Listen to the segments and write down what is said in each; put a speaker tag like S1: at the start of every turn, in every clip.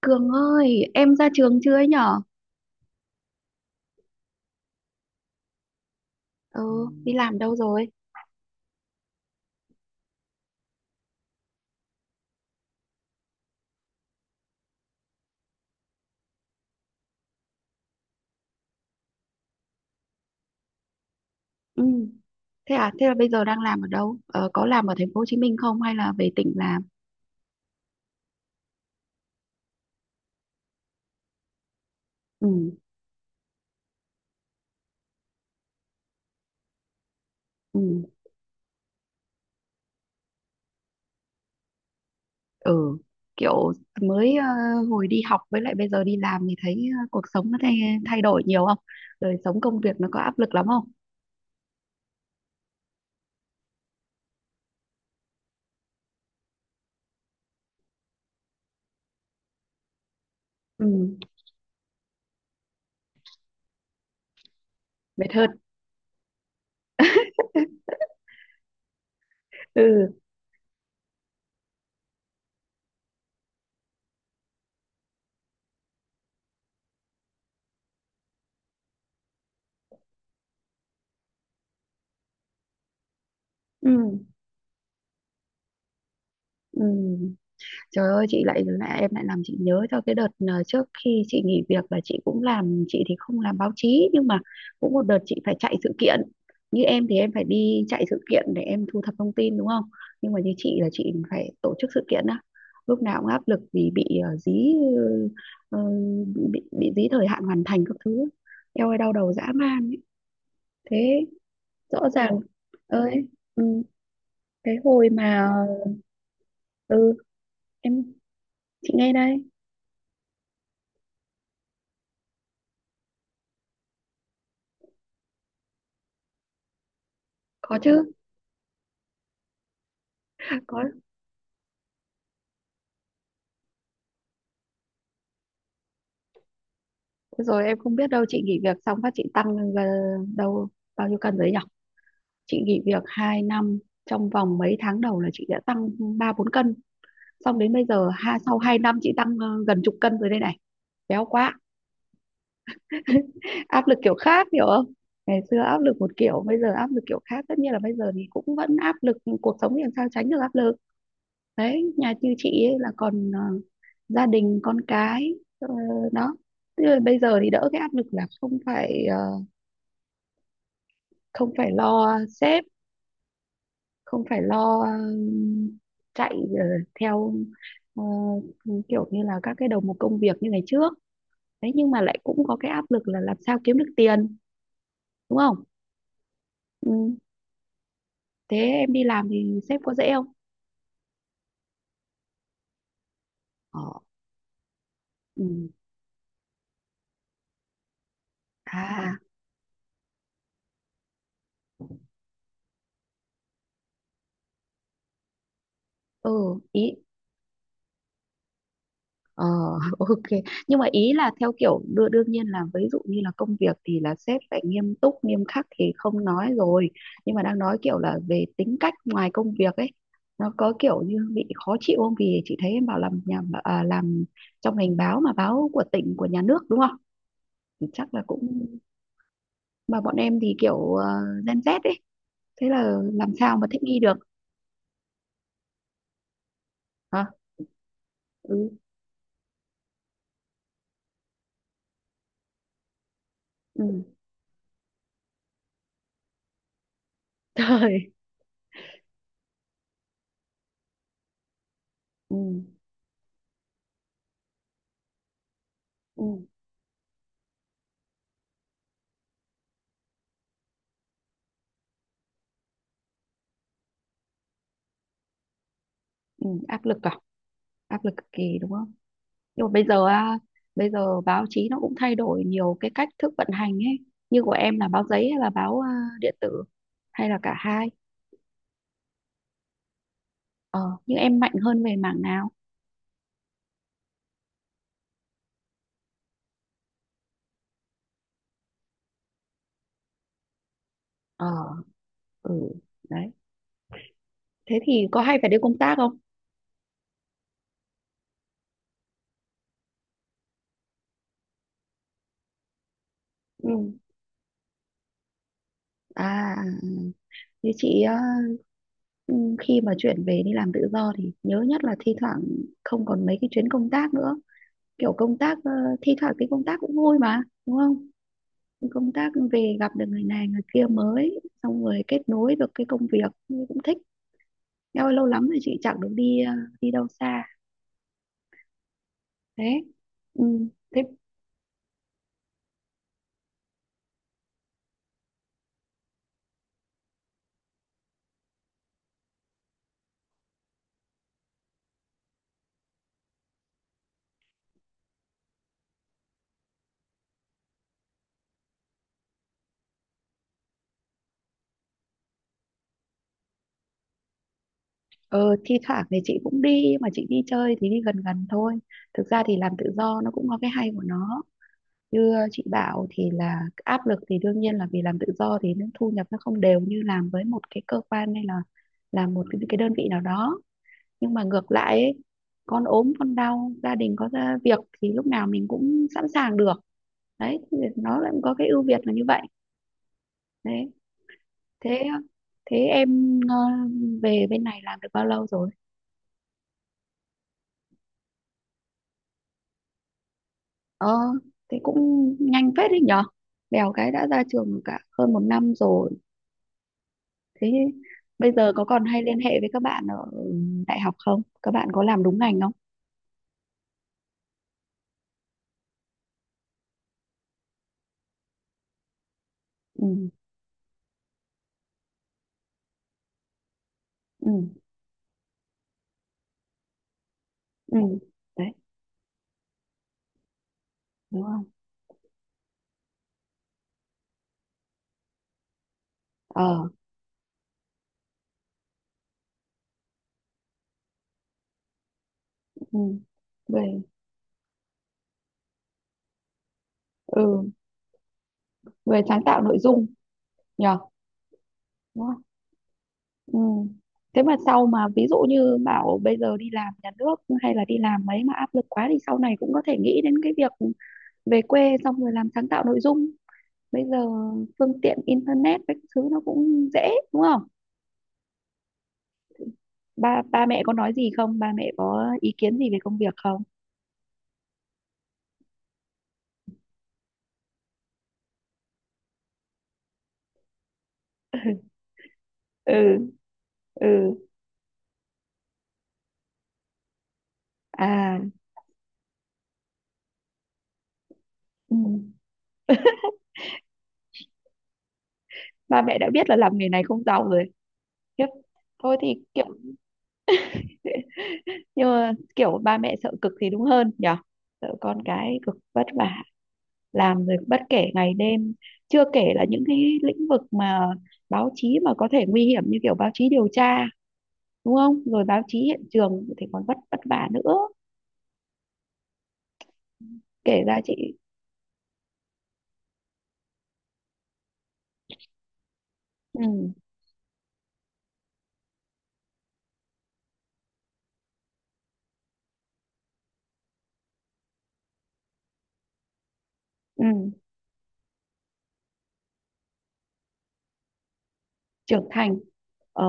S1: Cường ơi, em ra trường chưa ấy nhở? Ừ, đi làm đâu rồi? Ừ, thế à, thế là bây giờ đang làm ở đâu? Ờ, có làm ở thành phố Hồ Chí Minh không hay là về tỉnh làm? Ừ. Ừ. Ừ, kiểu mới, hồi đi học với lại bây giờ đi làm thì thấy, cuộc sống nó thay đổi nhiều không? Đời sống công việc nó có áp lực lắm không? Ừ, mệt hơn. Ừ. Ừ. Ừ. Trời ơi, chị lại lại em lại làm chị nhớ cho cái đợt, trước khi chị nghỉ việc là chị cũng làm, chị thì không làm báo chí nhưng mà cũng một đợt chị phải chạy sự kiện, như em thì em phải đi chạy sự kiện để em thu thập thông tin đúng không, nhưng mà như chị là chị phải tổ chức sự kiện á, lúc nào cũng áp lực vì bị, dí, ờ, bị dí thời hạn hoàn thành các thứ. Eo ơi, đau đầu dã man ấy. Thế, rõ ràng. Ơi. Ừ, cái hồi mà, ờ, ừ, em, chị nghe đây. Có chứ. À, có. Thế rồi em không biết đâu, chị nghỉ việc xong phát chị tăng, ờ, đâu bao nhiêu cân đấy nhỉ? Chị nghỉ việc 2 năm, trong vòng mấy tháng đầu là chị đã tăng 3-4 cân. Xong đến bây giờ ha, sau 2 năm chị tăng, gần chục cân rồi đây này. Béo quá. Áp lực kiểu khác hiểu không? Ngày xưa áp lực một kiểu, bây giờ áp lực kiểu khác. Tất nhiên là bây giờ thì cũng vẫn áp lực nhưng cuộc sống thì làm sao tránh được áp lực. Đấy, nhà như chị ấy là còn, gia đình con cái, ờ, đó. Thế rồi bây giờ thì đỡ cái áp lực là không phải lo sếp, không phải lo, chạy, ờ, theo, ờ, kiểu như là các cái đầu mục công việc như ngày trước đấy, nhưng mà lại cũng có cái áp lực là làm sao kiếm được tiền, đúng không. Ừ. Thế em đi làm thì sếp có dễ không? Ờ. Ừ. À. Ừ. Ý. Ờ, ok. Nhưng mà ý là theo kiểu đưa, đương nhiên là ví dụ như là công việc thì là sếp phải nghiêm túc, nghiêm khắc thì không nói rồi. Nhưng mà đang nói kiểu là về tính cách ngoài công việc ấy, nó có kiểu như bị khó chịu không? Vì chị thấy em bảo làm nhà à, làm trong ngành báo mà báo của tỉnh của nhà nước đúng không? Thì chắc là cũng, mà bọn em thì kiểu Gen Z ấy, thế là làm sao mà thích nghi được hả? Ừ. Ừ. Trời. Ừ. Ừ. Ừ, áp lực à? Áp lực cực kỳ đúng không? Nhưng mà bây giờ á, bây giờ báo chí nó cũng thay đổi nhiều cái cách thức vận hành ấy, như của em là báo giấy hay là báo à, điện tử, hay là cả hai? Ờ, nhưng em mạnh hơn về mảng nào? Ờ. Ừ. Đấy. Thế thì có hay phải đi công tác không? Ừ. À. Ừ. Như chị á, ừ, khi mà chuyển về đi làm tự do thì nhớ nhất là thi thoảng không còn mấy cái chuyến công tác nữa. Kiểu công tác, thi thoảng cái công tác cũng vui mà đúng không, công tác về gặp được người này người kia mới, xong rồi kết nối được cái công việc cũng thích. Eo ơi, lâu lắm rồi chị chẳng được đi, đi đâu xa. Đấy. Ừ. Thế, ờ, thi thoảng thì chị cũng đi mà chị đi chơi thì đi gần gần thôi. Thực ra thì làm tự do nó cũng có cái hay của nó, như chị bảo thì là áp lực thì đương nhiên là, vì làm tự do thì nó thu nhập nó không đều như làm với một cái cơ quan hay là làm một cái đơn vị nào đó, nhưng mà ngược lại ấy, con ốm con đau gia đình có ra việc thì lúc nào mình cũng sẵn sàng được. Đấy, thì nó lại có cái ưu việt là như vậy. Đấy. Thế, thế em, về bên này làm được bao lâu rồi? Ờ, thế cũng nhanh phết đấy nhở, bèo cái đã ra trường cả hơn một năm rồi. Thế bây giờ có còn hay liên hệ với các bạn ở đại học không, các bạn có làm đúng ngành không? Ừ. Ừ. Ừ. Đấy. Đúng không? Ờ. Ừ. Về. Ừ, người sáng tạo nội dung. Nhờ. Đúng không? Ừ. Thế mà sau, mà ví dụ như bảo bây giờ đi làm nhà nước hay là đi làm mấy mà áp lực quá thì sau này cũng có thể nghĩ đến cái việc về quê xong rồi làm sáng tạo nội dung, bây giờ phương tiện internet các thứ nó cũng dễ đúng không. Ba ba mẹ có nói gì không, ba mẹ có ý kiến gì về công việc không? Ừ. Ừ. À. Ừ. Ba mẹ đã biết là làm nghề này không giàu rồi. Khiếp. Thôi thì kiểu, nhưng mà kiểu ba mẹ sợ cực thì đúng hơn nhở, sợ con cái cực vất vả, làm rồi bất kể ngày đêm, chưa kể là những cái lĩnh vực mà báo chí mà có thể nguy hiểm như kiểu báo chí điều tra đúng không, rồi báo chí hiện trường thì còn vất vất vả nữa. Kể ra chị. Ừ. Ừ. Trưởng thành. Ờ,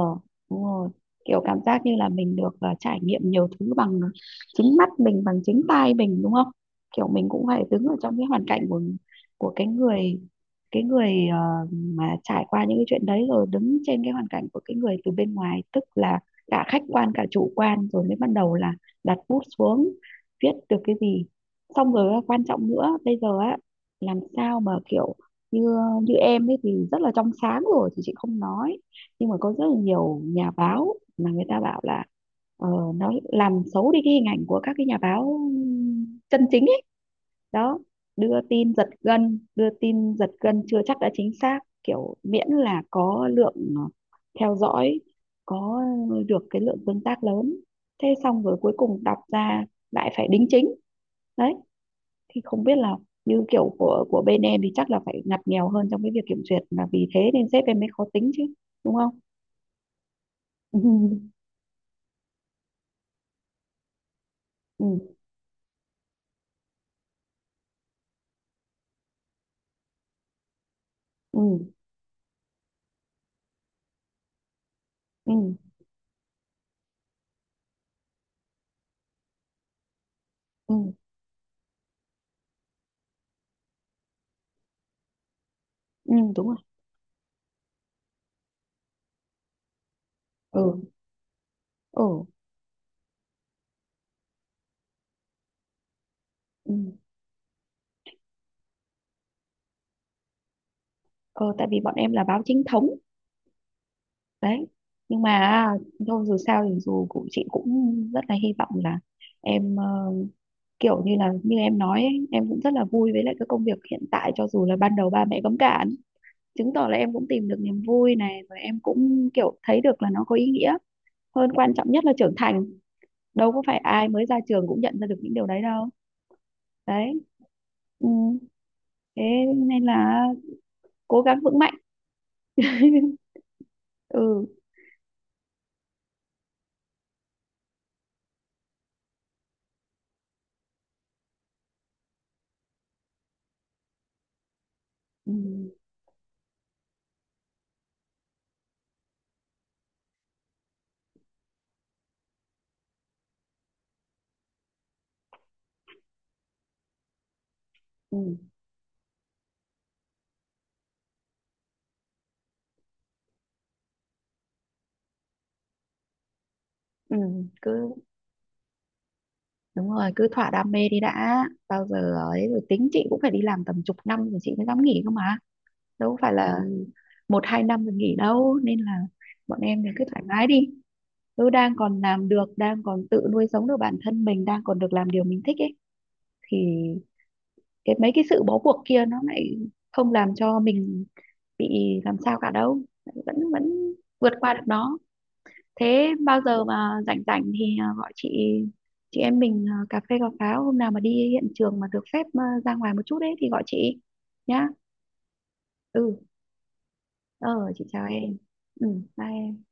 S1: đúng rồi, kiểu cảm giác như là mình được, trải nghiệm nhiều thứ bằng chính mắt mình bằng chính tai mình đúng không, kiểu mình cũng phải đứng ở trong cái hoàn cảnh của, cái người, cái người, mà trải qua những cái chuyện đấy, rồi đứng trên cái hoàn cảnh của cái người từ bên ngoài, tức là cả khách quan cả chủ quan, rồi mới bắt đầu là đặt bút xuống viết được cái gì. Xong rồi á, quan trọng nữa bây giờ á, làm sao mà kiểu, như như em ấy thì rất là trong sáng rồi thì chị không nói, nhưng mà có rất là nhiều nhà báo mà người ta bảo là, ờ, nó làm xấu đi cái hình ảnh của các cái nhà báo chân chính ấy. Đó, đưa tin giật gân, đưa tin giật gân chưa chắc đã chính xác, kiểu miễn là có lượng, theo dõi, có được cái lượng tương tác lớn, thế xong rồi cuối cùng đọc ra lại phải đính chính. Đấy, thì không biết là, như kiểu của bên em thì chắc là phải ngặt nghèo hơn trong cái việc kiểm duyệt, là vì thế nên sếp em mới khó tính chứ đúng không. Ừ. Ừ. Ừ. Ừ. Ừ. Ừ, đúng rồi. Ừ. Ừ. Ừ. Ờ, tại vì bọn em là báo chính thống. Đấy, nhưng mà thôi, dù sao thì dù cũng, chị cũng rất là hy vọng là em, kiểu như là như em nói ấy, em cũng rất là vui với lại cái công việc hiện tại, cho dù là ban đầu ba mẹ cấm cản, chứng tỏ là em cũng tìm được niềm vui này rồi, em cũng kiểu thấy được là nó có ý nghĩa hơn, quan trọng nhất là trưởng thành. Đâu có phải ai mới ra trường cũng nhận ra được những điều đấy đâu. Đấy. Ừ. Thế nên là cố gắng vững mạnh. Ừ. Ừ. Ừ. Ừ. Cứ, đúng rồi, cứ thỏa đam mê đi đã, bao giờ ấy rồi tính. Chị cũng phải đi làm tầm chục năm rồi chị mới dám nghỉ cơ mà, đâu phải là, ừ, một hai năm rồi nghỉ đâu, nên là bọn em thì cứ thoải mái đi, cứ đang còn làm được, đang còn tự nuôi sống được bản thân mình, đang còn được làm điều mình thích ấy, thì cái mấy cái sự bó buộc kia nó lại không làm cho mình bị làm sao cả đâu, vẫn vẫn vượt qua được nó. Thế bao giờ mà rảnh rảnh thì à, gọi chị em mình à, cà phê cà pháo, hôm nào mà đi hiện trường mà được phép à, ra ngoài một chút ấy thì gọi chị nhá. Ừ. Ờ, chị chào em. Ừ, bye em.